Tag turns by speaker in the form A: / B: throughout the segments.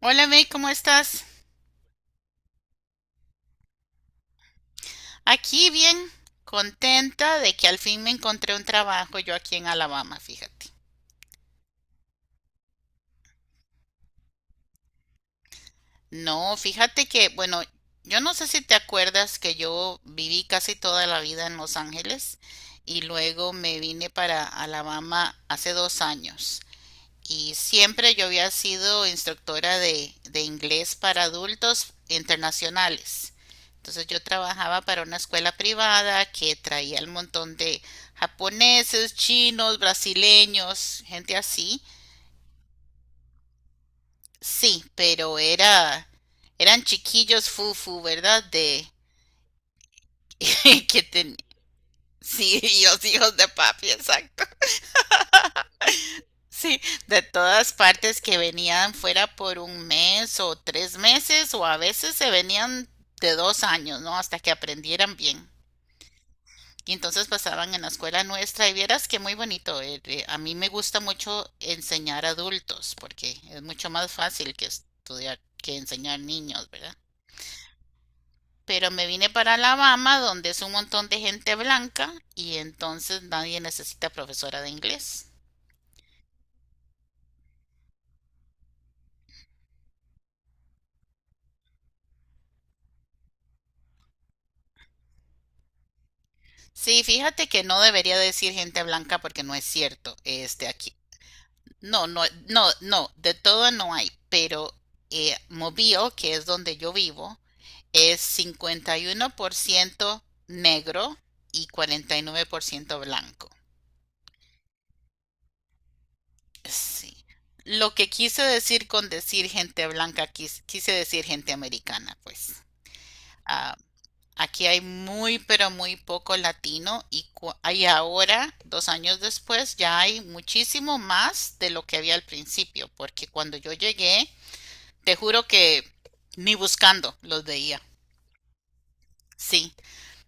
A: Hola May, ¿cómo estás? Aquí bien, contenta de que al fin me encontré un trabajo yo aquí en Alabama, fíjate. No, fíjate que, bueno, yo no sé si te acuerdas que yo viví casi toda la vida en Los Ángeles y luego me vine para Alabama hace 2 años. Y siempre yo había sido instructora de inglés para adultos internacionales. Entonces yo trabajaba para una escuela privada que traía el montón de japoneses, chinos, brasileños, gente así. Sí, pero eran chiquillos fufu, ¿verdad? De que ten- sí, los hijos de papi, exacto. Sí, de todas partes que venían fuera por un mes o 3 meses o a veces se venían de 2 años, ¿no? Hasta que aprendieran bien. Y entonces pasaban en la escuela nuestra y vieras que muy bonito. A mí me gusta mucho enseñar adultos porque es mucho más fácil que enseñar niños, ¿verdad? Pero me vine para Alabama donde es un montón de gente blanca y entonces nadie necesita profesora de inglés. Sí, fíjate que no debería decir gente blanca porque no es cierto, este aquí. No, no, no, no, de todo no hay, pero Mobile, que es donde yo vivo, es 51% negro y 49% blanco. Sí. Lo que quise decir con decir gente blanca, quise, decir gente americana, pues. Ah, aquí hay muy, pero muy poco latino y, hay ahora, 2 años después, ya hay muchísimo más de lo que había al principio, porque cuando yo llegué, te juro que ni buscando los veía, sí.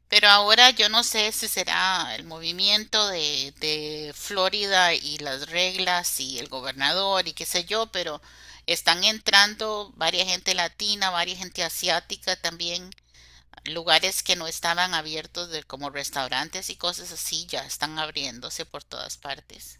A: Pero ahora yo no sé si será el movimiento de Florida y las reglas y el gobernador y qué sé yo, pero están entrando varias gente latina, varias gente asiática también. Lugares que no estaban abiertos de como restaurantes y cosas así ya están abriéndose por todas partes.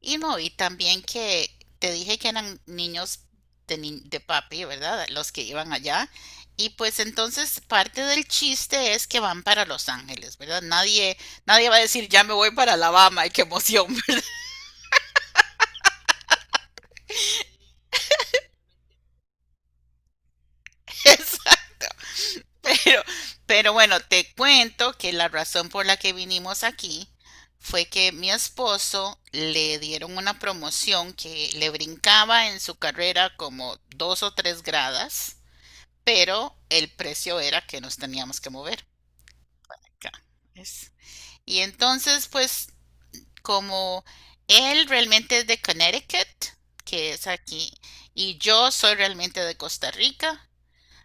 A: Y no, y también que te dije que eran niños de, ni- de papi, ¿verdad? Los que iban allá. Y pues entonces parte del chiste es que van para Los Ángeles, ¿verdad? Nadie va a decir, ya me voy para Alabama y qué emoción. Pero, pero bueno, te cuento que la razón por la que vinimos aquí fue que mi esposo le dieron una promoción que le brincaba en su carrera como dos o tres gradas, pero el precio era que nos teníamos que mover acá. Es- Y entonces, pues, como él realmente es de Connecticut, que es aquí, y yo soy realmente de Costa Rica.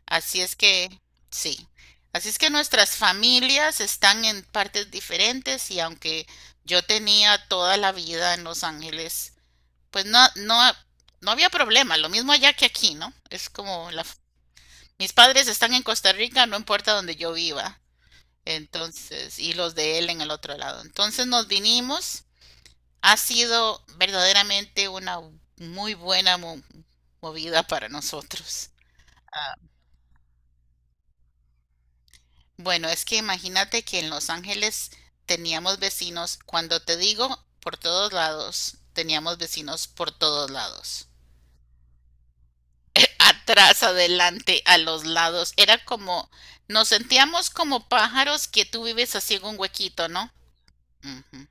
A: Así es que, sí. Así es que nuestras familias están en partes diferentes y aunque yo tenía toda la vida en Los Ángeles, pues no, no, no había problema. Lo mismo allá que aquí, ¿no? Mis padres están en Costa Rica, no importa donde yo viva. Entonces, y los de él en el otro lado. Entonces nos vinimos. Ha sido verdaderamente una muy buena movida para nosotros. Ah, bueno, es que imagínate que en Los Ángeles teníamos vecinos, cuando te digo por todos lados, teníamos vecinos por todos lados. Atrás, adelante, a los lados. Nos sentíamos como pájaros que tú vives así en un huequito, ¿no? Ujú.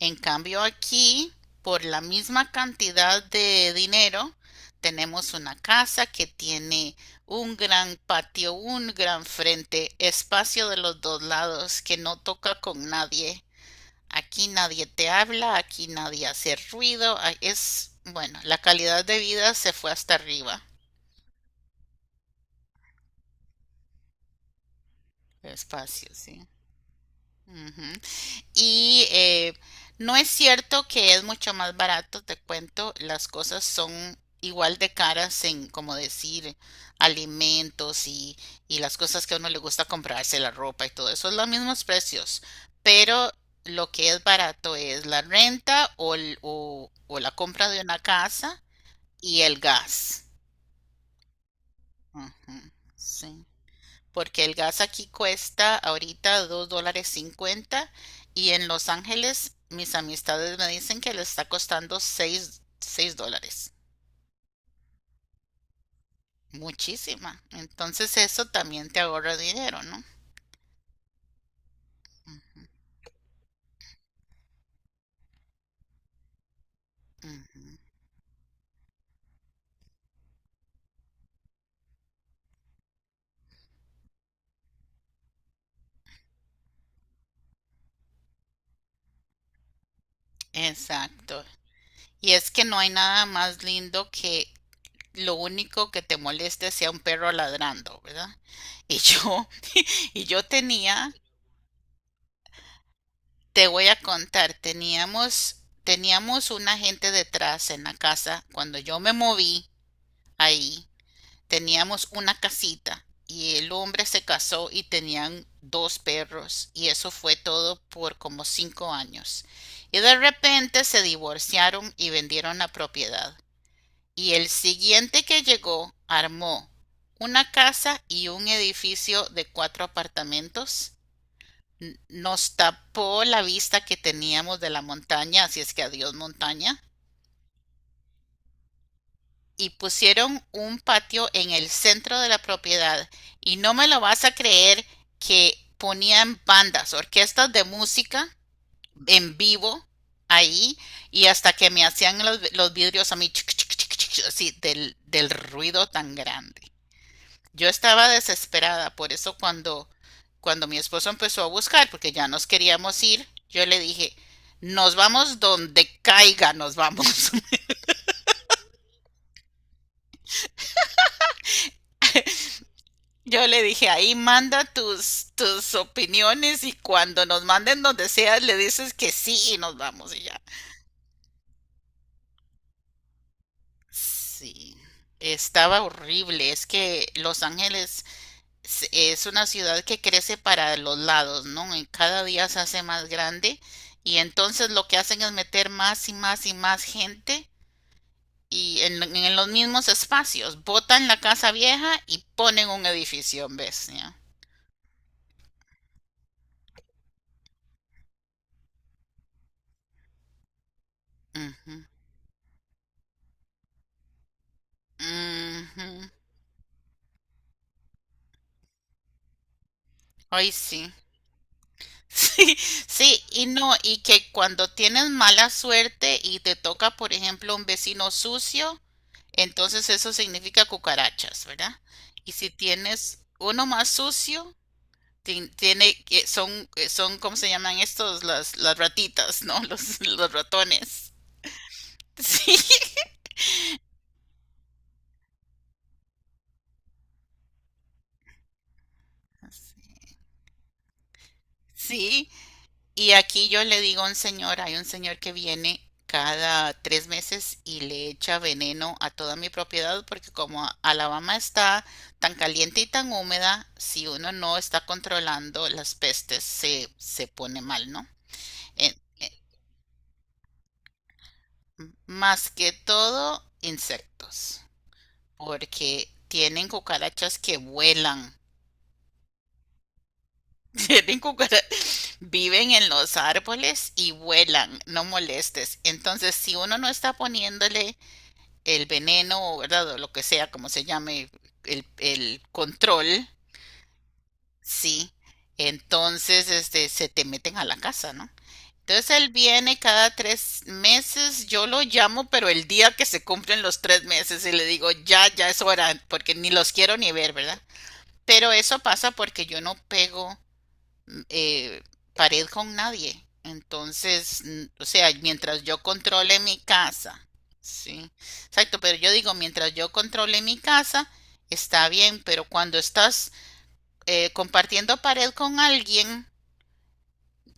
A: En cambio aquí, por la misma cantidad de dinero, tenemos una casa que tiene un gran patio, un gran frente, espacio de los dos lados que no toca con nadie. Aquí nadie te habla, aquí nadie hace ruido. Bueno, la calidad de vida se fue hasta arriba. Espacio, sí. Ujú. Y no es cierto que es mucho más barato, te cuento, las cosas son igual de caras en, como decir, alimentos y las cosas que a uno le gusta comprarse, la ropa y todo eso, es los mismos precios, pero lo que es barato es la renta o la compra de una casa y el gas. Ujú, sí porque el gas aquí cuesta ahorita $2.50 y en Los Ángeles mis amistades me dicen que le está costando seis, $6. Muchísima. Entonces eso también te ahorra dinero, ¿no? Ujú. Exacto. Y es que no hay nada más lindo que lo único que te moleste sea un perro ladrando, ¿verdad? Y yo, y yo tenía Te voy a contar, teníamos un agente detrás en la casa. Cuando yo me moví ahí, teníamos una casita y el hombre se casó y tenían dos perros y eso fue todo por como 5 años. Y de repente se divorciaron y vendieron la propiedad. Y el siguiente que llegó armó una casa y un edificio de cuatro apartamentos. Nos tapó la vista que teníamos de la montaña, así es que adiós montaña, y pusieron un patio en el centro de la propiedad. Y no me lo vas a creer que ponían bandas, orquestas de música en vivo ahí, y hasta que me hacían los vidrios a mí, chic, chic, chic, chic, así del ruido tan grande. Yo estaba desesperada, por eso cuando mi esposo empezó a buscar, porque ya nos queríamos ir, yo le dije, nos vamos donde caiga, nos vamos. Yo le dije, ahí manda tus opiniones y cuando nos manden donde sea, le dices que sí y nos vamos y ya. Sí, estaba horrible. Es que Los Ángeles es una ciudad que crece para los lados, ¿no? Y cada día se hace más grande y entonces lo que hacen es meter más y más y más gente y en los mismos espacios. Botan la casa vieja y ponen un edificio, ¿ves? Ya. Ujú. Ujú. Ay, sí. Sí, sí, y no, y que cuando tienes mala suerte y te toca, por ejemplo, un vecino sucio, entonces eso significa cucarachas, ¿verdad? Y si tienes uno más sucio, son, ¿cómo se llaman estos? Las ratitas, ¿no? Los ratones. Sí. Sí, y aquí yo le digo a un señor, hay un señor que viene cada 3 meses y le echa veneno a toda mi propiedad porque como Alabama está tan caliente y tan húmeda, si uno no está controlando las pestes se pone mal, ¿no? en- más que todo insectos, porque tienen cucarachas que vuelan. Tienen cucara- viven en los árboles y vuelan, no molestes. Entonces, si uno no está poniéndole el veneno, ¿verdad? O lo que sea, como se llame, el control, sí. Entonces, este, se te meten a la casa, ¿no? Entonces él viene cada 3 meses, yo lo llamo, pero el día que se cumplen los 3 meses y le digo, ya, ya es hora, porque ni los quiero ni ver, ¿verdad? Pero eso pasa porque yo no pego eh, pared con nadie. Entonces, o sea, mientras yo controle mi casa, sí, exacto, pero yo digo, mientras yo controle mi casa, está bien, pero cuando estás compartiendo pared con alguien,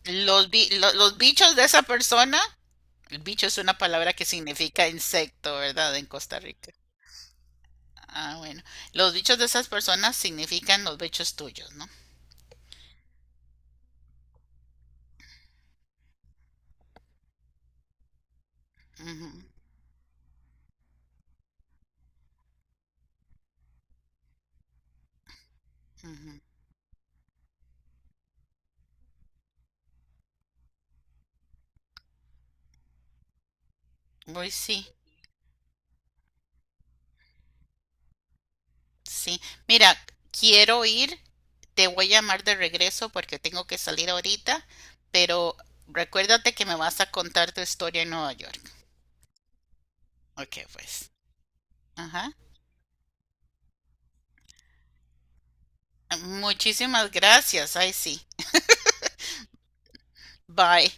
A: los bichos de esa persona. El bicho es una palabra que significa insecto, ¿verdad? En Costa Rica. Ah, bueno. Los bichos de esas personas significan los bichos tuyos, ¿no? Ujú, ujú. Uy, sí, sí. Mira, quiero ir, te voy a llamar de regreso porque tengo que salir ahorita, pero recuérdate que me vas a contar tu historia en Nueva York. Ok, pues. Ajá. Muchísimas gracias. Ay, sí. Bye.